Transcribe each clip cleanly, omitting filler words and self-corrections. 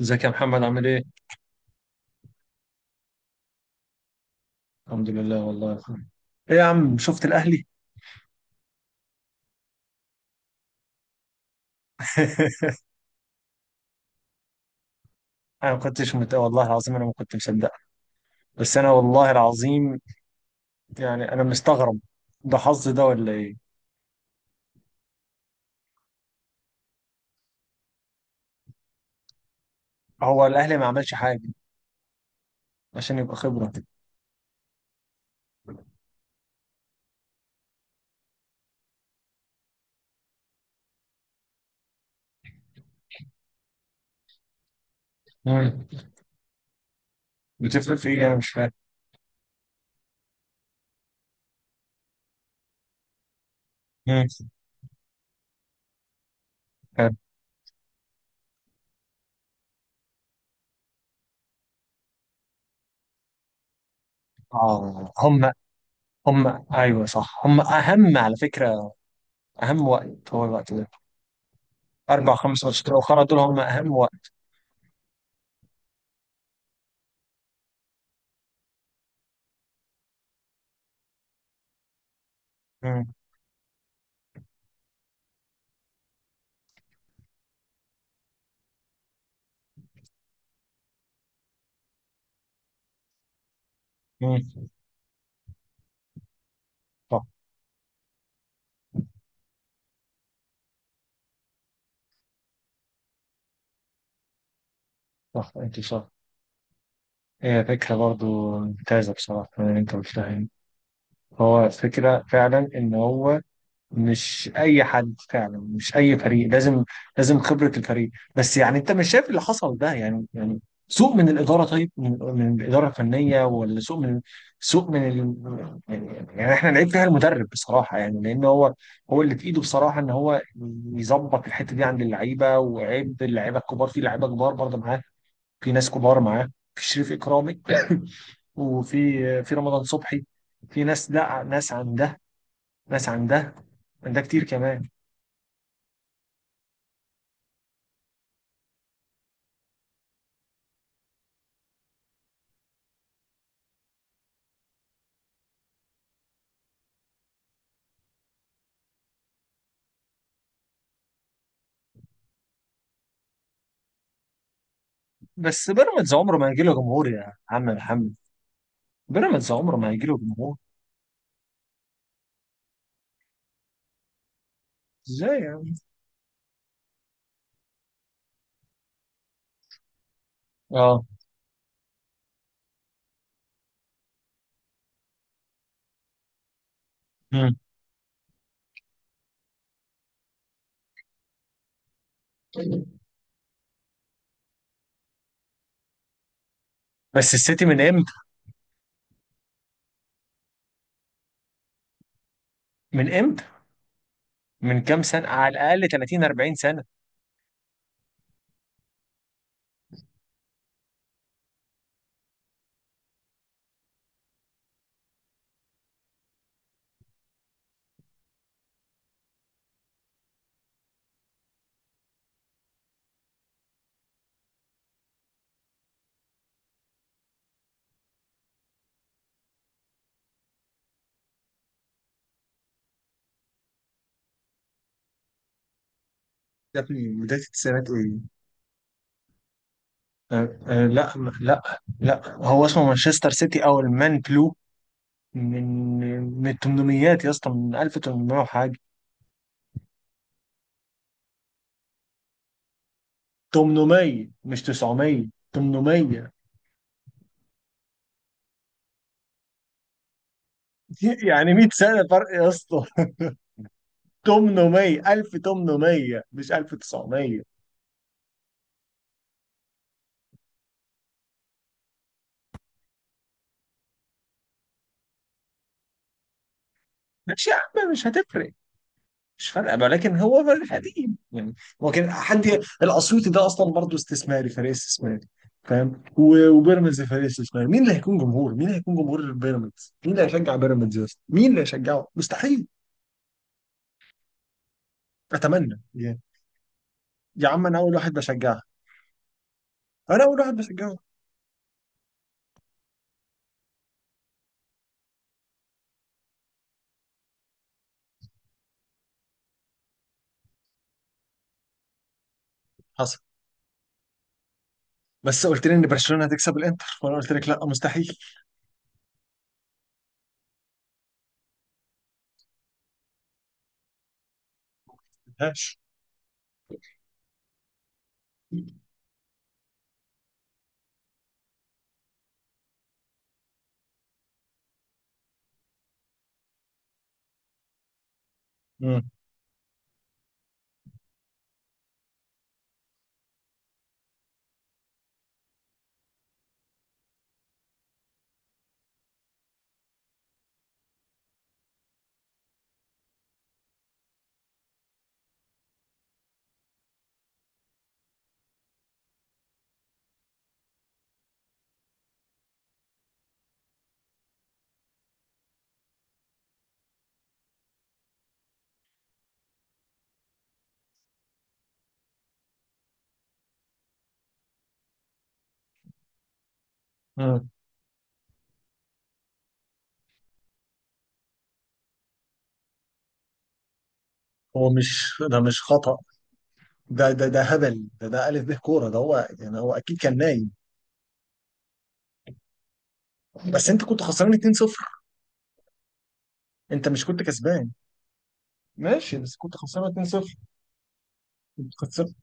ازيك يا محمد؟ عامل ايه؟ الحمد لله والله يا اخويا. ايه يا عم، شفت الاهلي؟ انا ما كنتش مت... والله العظيم انا ما كنت مصدق. بس انا والله العظيم، يعني انا مستغرب. ده حظ ده ولا ايه؟ هو الاهلي ما عملش حاجه عشان يبقى خبره. مم. بتفرق في ايه؟ انا مش فاهم. مم. فاهم. اه، هم. هم، ايوه صح، هم اهم على فكره، اهم وقت هو الوقت ده، اربع خمس ماتشات الاخرى دول هم اهم وقت. مم. مم. صح. صح، انت صح. هي فكرة برضو ممتازة بصراحة من اللي أنت قلتها يعني. هو فكرة فعلا إن هو مش أي حد، فعلا مش أي فريق لازم خبرة الفريق. بس يعني أنت مش شايف اللي حصل ده؟ يعني سوء من الإدارة، طيب من الإدارة الفنية، ولا سوء من سوء من يعني إحنا نعيب فيها المدرب بصراحة يعني، لأن هو هو اللي في إيده بصراحة إن هو يظبط الحتة دي عند اللعيبة. وعيب اللعيبة الكبار، في لعيبة كبار برضه معاه، في ناس كبار معاه، في شريف إكرامي وفي، في رمضان صبحي، في ناس ده، ناس عن ده، ناس عن ده، عن ده كتير كمان. بس بيراميدز عمره ما هيجي له جمهور يا عم محمد، بيراميدز عمره ما هيجي له جمهور. ازاي يا عم؟ اه. مم. بس السيتي من امتى؟ من امتى؟ من كام سنه؟ على الاقل 30 40 سنه. يا ابني، بداية السنوات ايه؟ لا، لا لا، هو اسمه مانشستر سيتي او المان بلو، من من الثمانينيات يا اسطى، من 1800 وحاجه. 800 مش 900، 800. يعني 100 سنة فرق يا اسطى. 800، 1800 مش 1900. ماشي يا عم، مش هتفرق، مش فارقة بقى، لكن هو فرق قديم يعني. هو كان حد. الأسيوطي ده أصلا برضه استثماري، فريق استثماري، فاهم. وبيراميدز فريق استثماري، مين اللي هيكون جمهور؟ مين اللي هيكون جمهور بيراميدز؟ مين اللي هيشجع بيراميدز يا اسطى؟ مين اللي هيشجعه؟ مستحيل. أتمنى يعني. يا عم، أنا أول واحد بشجعها، أنا أول واحد بشجعها. حصل. بس قلت لي ان برشلونه هتكسب الانتر، وانا قلت لك لا، مستحيل. مفيهاش. مم. مم. هو مش، ده مش خطأ، ده هبل، ده ألف به كورة، ده هو يعني، هو أكيد كان نايم. بس أنت كنت خسران 2-0. أنت مش كنت كسبان. ماشي بس كنت خسران 2-0، كنت خسران.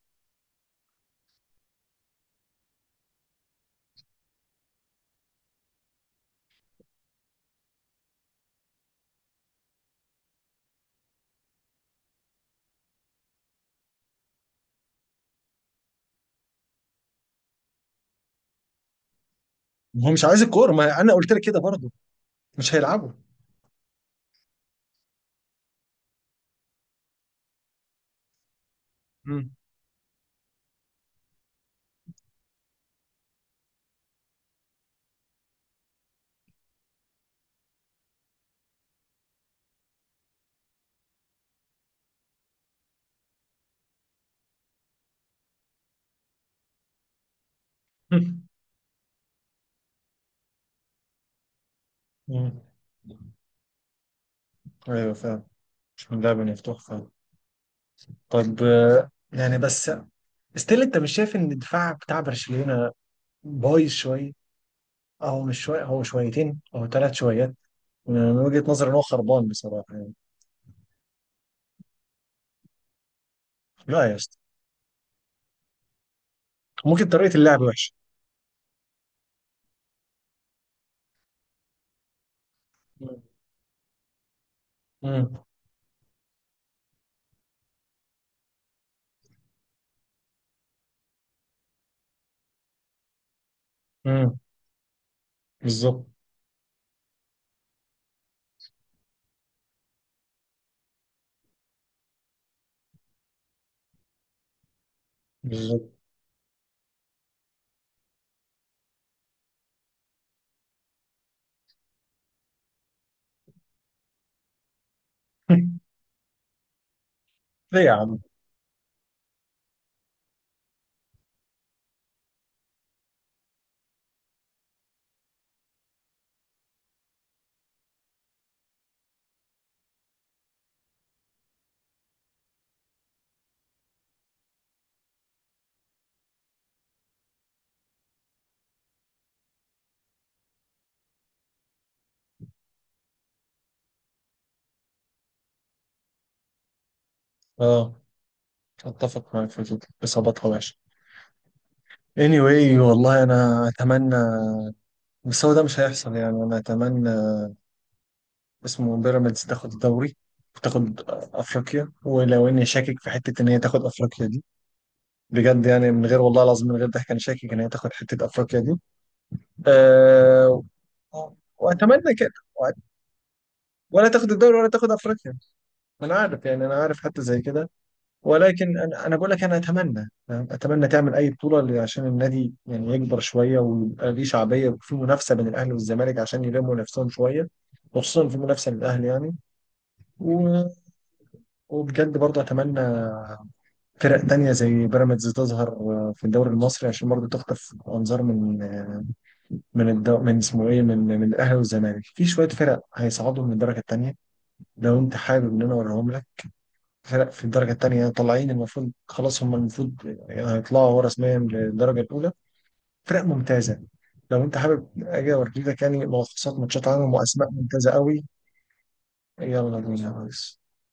هو مش عايز الكورة، ما أنا قلت لك كده برضه، مش هيلعبوا. مم. مم. مم. أيوه فعلا، مش من لعبة مفتوح فعلا. طب، يعني بس، ستيل أنت مش شايف إن الدفاع بتاع برشلونة بايظ شوية؟ اه، هو مش شوية، هو شويتين أو ثلاث شويات، من وجهة نظري إن هو خربان بصراحة يعني. لا يا اسطى، ممكن طريقة اللعب وحشة. امم امم بالظبط، بالظبط. ليه يا عم؟ اه، اتفق معاك في الفكرة، اصابتها وحشه. anyway والله انا اتمنى، بس هو ده مش هيحصل يعني. انا اتمنى اسمه بيراميدز تاخد الدوري وتاخد افريقيا، ولو اني شاكك في حته ان هي تاخد افريقيا دي، بجد يعني، من غير والله العظيم، من غير ضحك، انا شاكك ان هي تاخد حته افريقيا دي. أه. اه، واتمنى كده. وأت- ولا تاخد الدوري ولا تاخد افريقيا، ما انا عارف يعني، انا عارف حتى زي كده. ولكن انا بقول لك، انا اتمنى تعمل اي بطوله، عشان النادي يعني يكبر شويه ويبقى ليه شعبيه، وفي منافسه بين الاهلي والزمالك عشان يلموا نفسهم شويه، وخصوصا في منافسه للاهلي يعني. و... وبجد برضه اتمنى فرق تانية زي بيراميدز تظهر، في الدوري المصري، عشان برضه تخطف أنظار من، من من اسمه إيه، من الأهلي والزمالك. في شوية فرق هيصعدوا من الدرجة التانية، لو انت حابب ان انا اوريهم لك. فرق في الدرجه الثانيه طالعين، المفروض خلاص هم، المفروض يعني هيطلعوا هو رسميا للدرجه الاولى، فرق ممتازه. لو انت حابب اجي اوريك يعني ملخصات ماتشات عنهم واسماء ممتازه قوي. يلا بينا يا ريس.